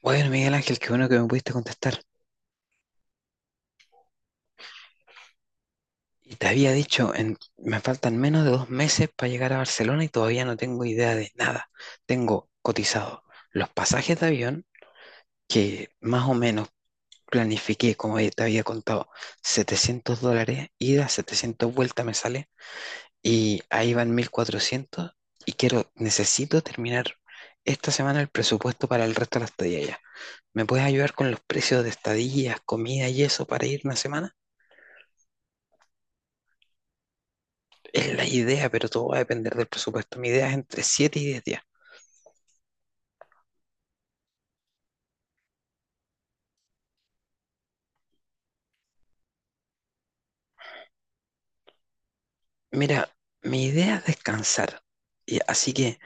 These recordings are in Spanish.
Bueno, Miguel Ángel, qué bueno que me pudiste contestar. Y te había dicho, me faltan menos de 2 meses para llegar a Barcelona y todavía no tengo idea de nada. Tengo cotizado los pasajes de avión, que más o menos planifiqué, como te había contado, $700, ida, 700 vuelta me sale, y ahí van 1400. Y quiero, necesito terminar esta semana el presupuesto para el resto de la estadía ya. ¿Me puedes ayudar con los precios de estadías, comida y eso para ir una semana? Es la idea, pero todo va a depender del presupuesto. Mi idea es entre 7 y 10 días. Mira, mi idea es descansar. Y así que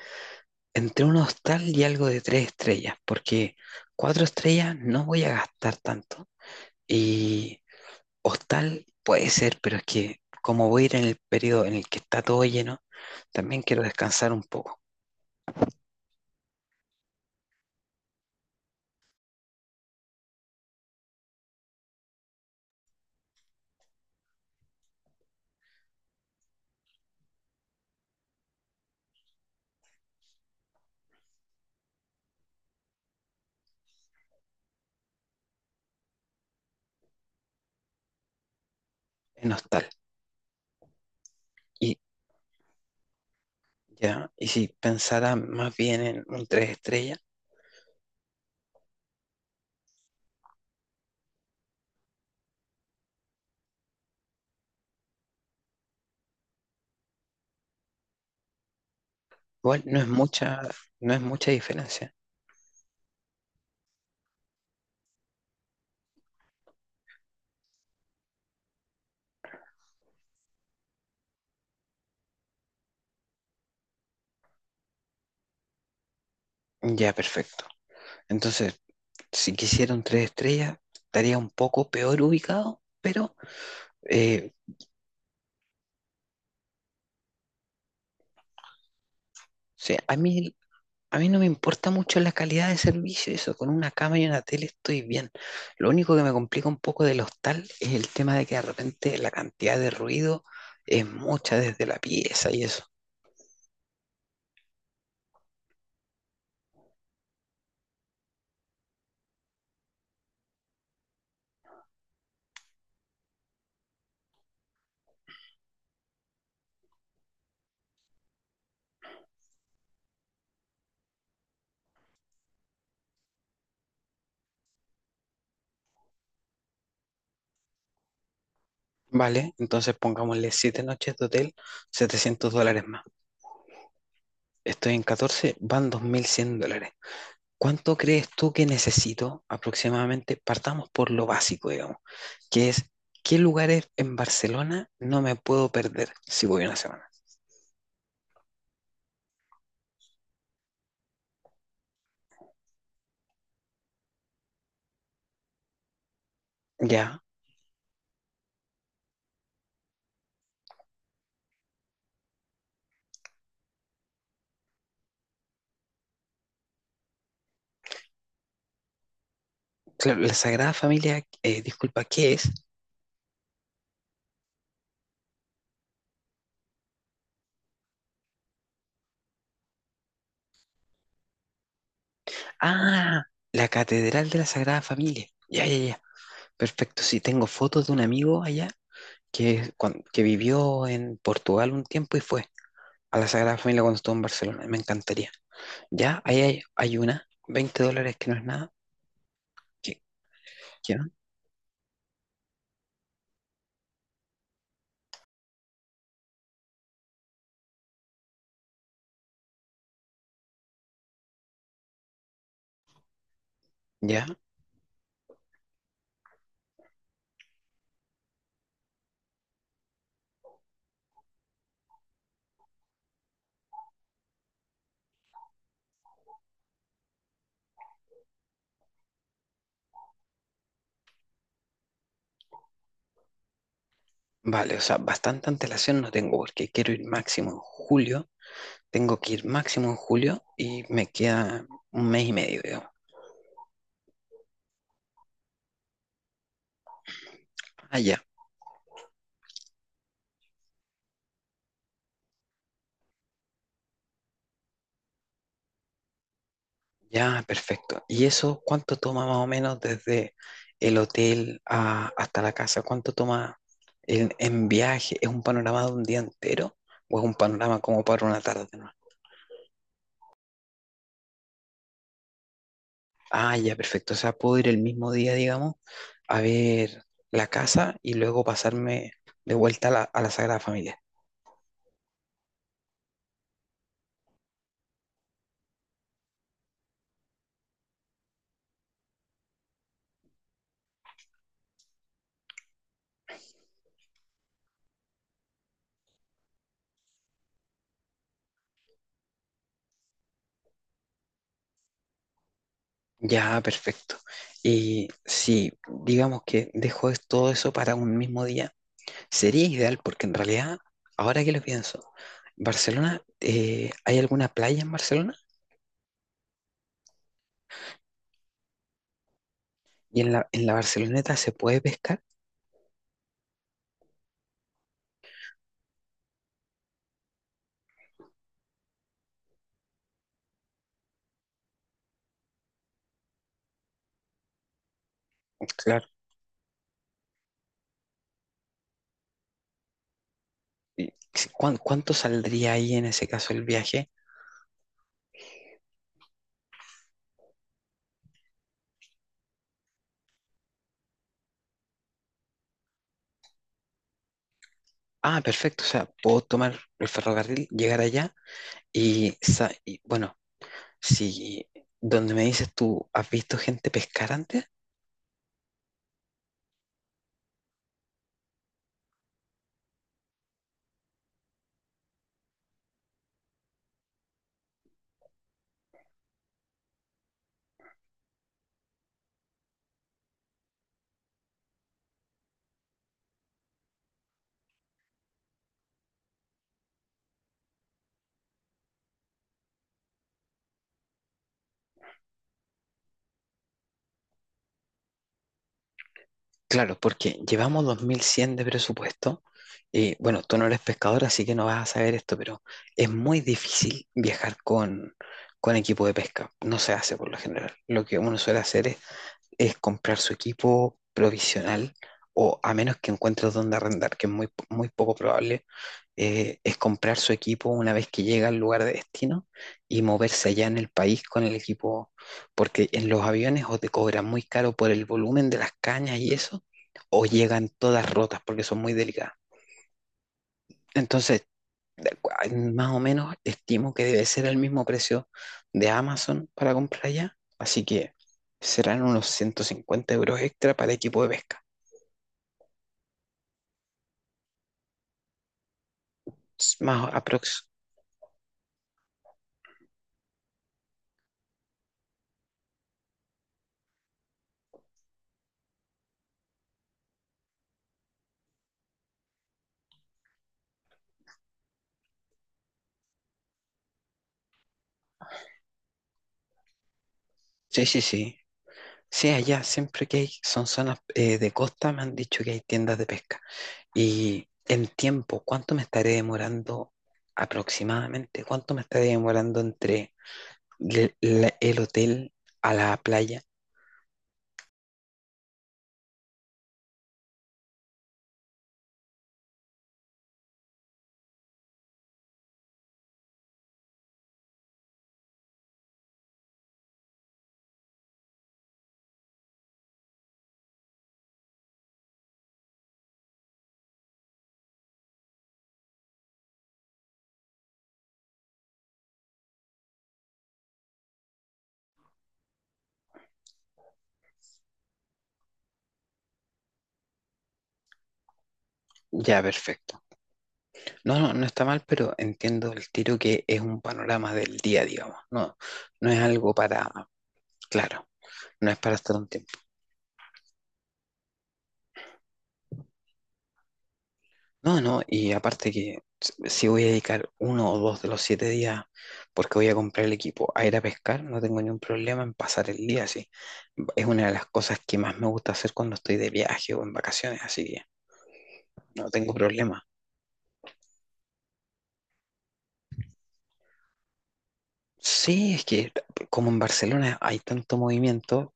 entre un hostal y algo de 3 estrellas, porque 4 estrellas no voy a gastar tanto. Y hostal puede ser, pero es que como voy a ir en el periodo en el que está todo lleno, también quiero descansar un poco en hostal. Y ya, y si pensara más bien en un 3 estrellas, igual no es mucha diferencia. Ya, perfecto. Entonces, si quisiera un tres estrellas, estaría un poco peor ubicado, pero o sea, a mí no me importa mucho la calidad de servicio, eso, con una cama y una tele estoy bien. Lo único que me complica un poco del hostal es el tema de que de repente la cantidad de ruido es mucha desde la pieza y eso. Vale, entonces pongámosle 7 noches de hotel, $700 más. Estoy en 14, van $2100. ¿Cuánto crees tú que necesito aproximadamente? Partamos por lo básico, digamos, que es qué lugares en Barcelona no me puedo perder si voy una semana. Ya, claro, la Sagrada Familia, disculpa, ¿qué es? Ah, la Catedral de la Sagrada Familia. Ya, ya, ya. Perfecto, sí, tengo fotos de un amigo allá que vivió en Portugal un tiempo y fue a la Sagrada Familia cuando estuvo en Barcelona. Me encantaría. Ya, ahí hay una, $20 que no es nada. ¿Qué? Que no. Ya. Vale, o sea, bastante antelación no tengo porque quiero ir máximo en julio. Tengo que ir máximo en julio y me queda un mes y medio, digamos. Ah, ya, ya, perfecto. ¿Y eso cuánto toma más o menos desde el hotel hasta la casa? ¿Cuánto toma en viaje? ¿Es un panorama de un día entero o es un panorama como para una tarde? ¿No? Ah, ya, perfecto. O sea, puedo ir el mismo día, digamos, a ver la casa y luego pasarme de vuelta a a la Sagrada Familia. Ya, perfecto. Y si digamos que dejo todo eso para un mismo día, sería ideal porque en realidad, ahora que lo pienso, Barcelona, ¿hay alguna playa en Barcelona? ¿Y en en la Barceloneta se puede pescar? Claro. ¿Cuánto saldría ahí en ese caso el viaje? Ah, perfecto. O sea, puedo tomar el ferrocarril, llegar allá y, y bueno, si donde me dices tú, ¿has visto gente pescar antes? Claro, porque llevamos 2100 de presupuesto y bueno, tú no eres pescador, así que no vas a saber esto, pero es muy difícil viajar con equipo de pesca. No se hace por lo general. Lo que uno suele hacer es comprar su equipo provisional o a menos que encuentres donde arrendar, que es muy poco probable, es comprar su equipo una vez que llega al lugar de destino y moverse allá en el país con el equipo, porque en los aviones o te cobran muy caro por el volumen de las cañas y eso, o llegan todas rotas porque son muy delicadas. Entonces, de cua- más o menos estimo que debe ser el mismo precio de Amazon para comprar allá, así que serán unos 150 € extra para equipo de pesca, aprox. Sí, sí, sí. Sí, allá siempre que hay, son zonas de costa, me han dicho que hay tiendas de pesca. Y en tiempo, ¿cuánto me estaré demorando aproximadamente? ¿Cuánto me estaré demorando entre el hotel a la playa? Ya, perfecto. No, no, no está mal, pero entiendo el tiro que es un panorama del día, digamos. No, no es algo para, claro, no es para estar un tiempo. No, no, y aparte que si voy a dedicar uno o dos de los 7 días, porque voy a comprar el equipo, a ir a pescar, no tengo ningún problema en pasar el día así. Es una de las cosas que más me gusta hacer cuando estoy de viaje o en vacaciones, así que no tengo problema. Sí, es que como en Barcelona hay tanto movimiento,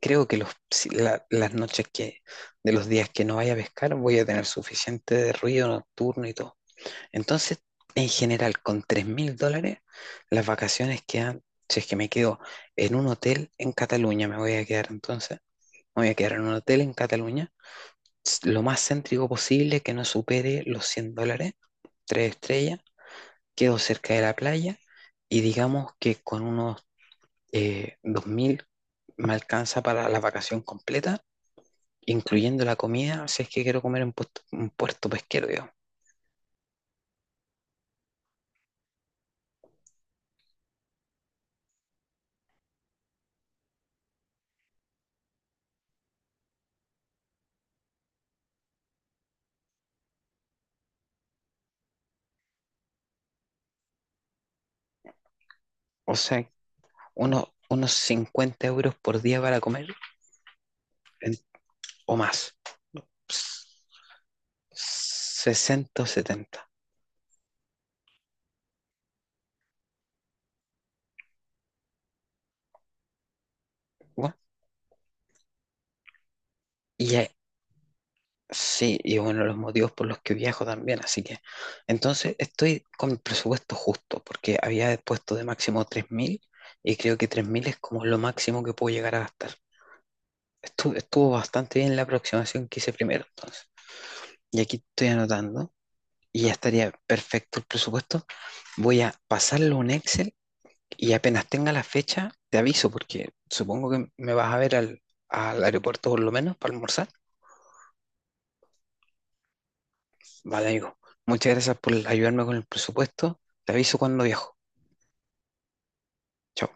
creo que los, si la- las noches que, de los días que no vaya a pescar, voy a tener suficiente de ruido nocturno y todo. Entonces, en general, con $3000, las vacaciones quedan, si es que me quedo en un hotel en Cataluña, me voy a quedar en un hotel en Cataluña, lo más céntrico posible, que no supere los $100, tres estrellas, quedo cerca de la playa y digamos que con unos 2000 me alcanza para la vacación completa incluyendo la comida, si es que quiero comer en un puerto pesquero, digamos. O sea, unos 50 € por día para comer en- o más. 60 o 70, ¿bueno? Y ya- sí, y es uno de los motivos por los que viajo también. Así que, entonces estoy con el presupuesto justo, porque había puesto de máximo 3000 y creo que 3000 es como lo máximo que puedo llegar a gastar. Estuvo bastante bien la aproximación que hice primero, entonces. Y aquí estoy anotando. Y ya estaría perfecto el presupuesto. Voy a pasarlo a un Excel y apenas tenga la fecha, te aviso, porque supongo que me vas a ver al aeropuerto por lo menos para almorzar. Vale, amigo. Muchas gracias por ayudarme con el presupuesto. Te aviso cuando viajo. Chao.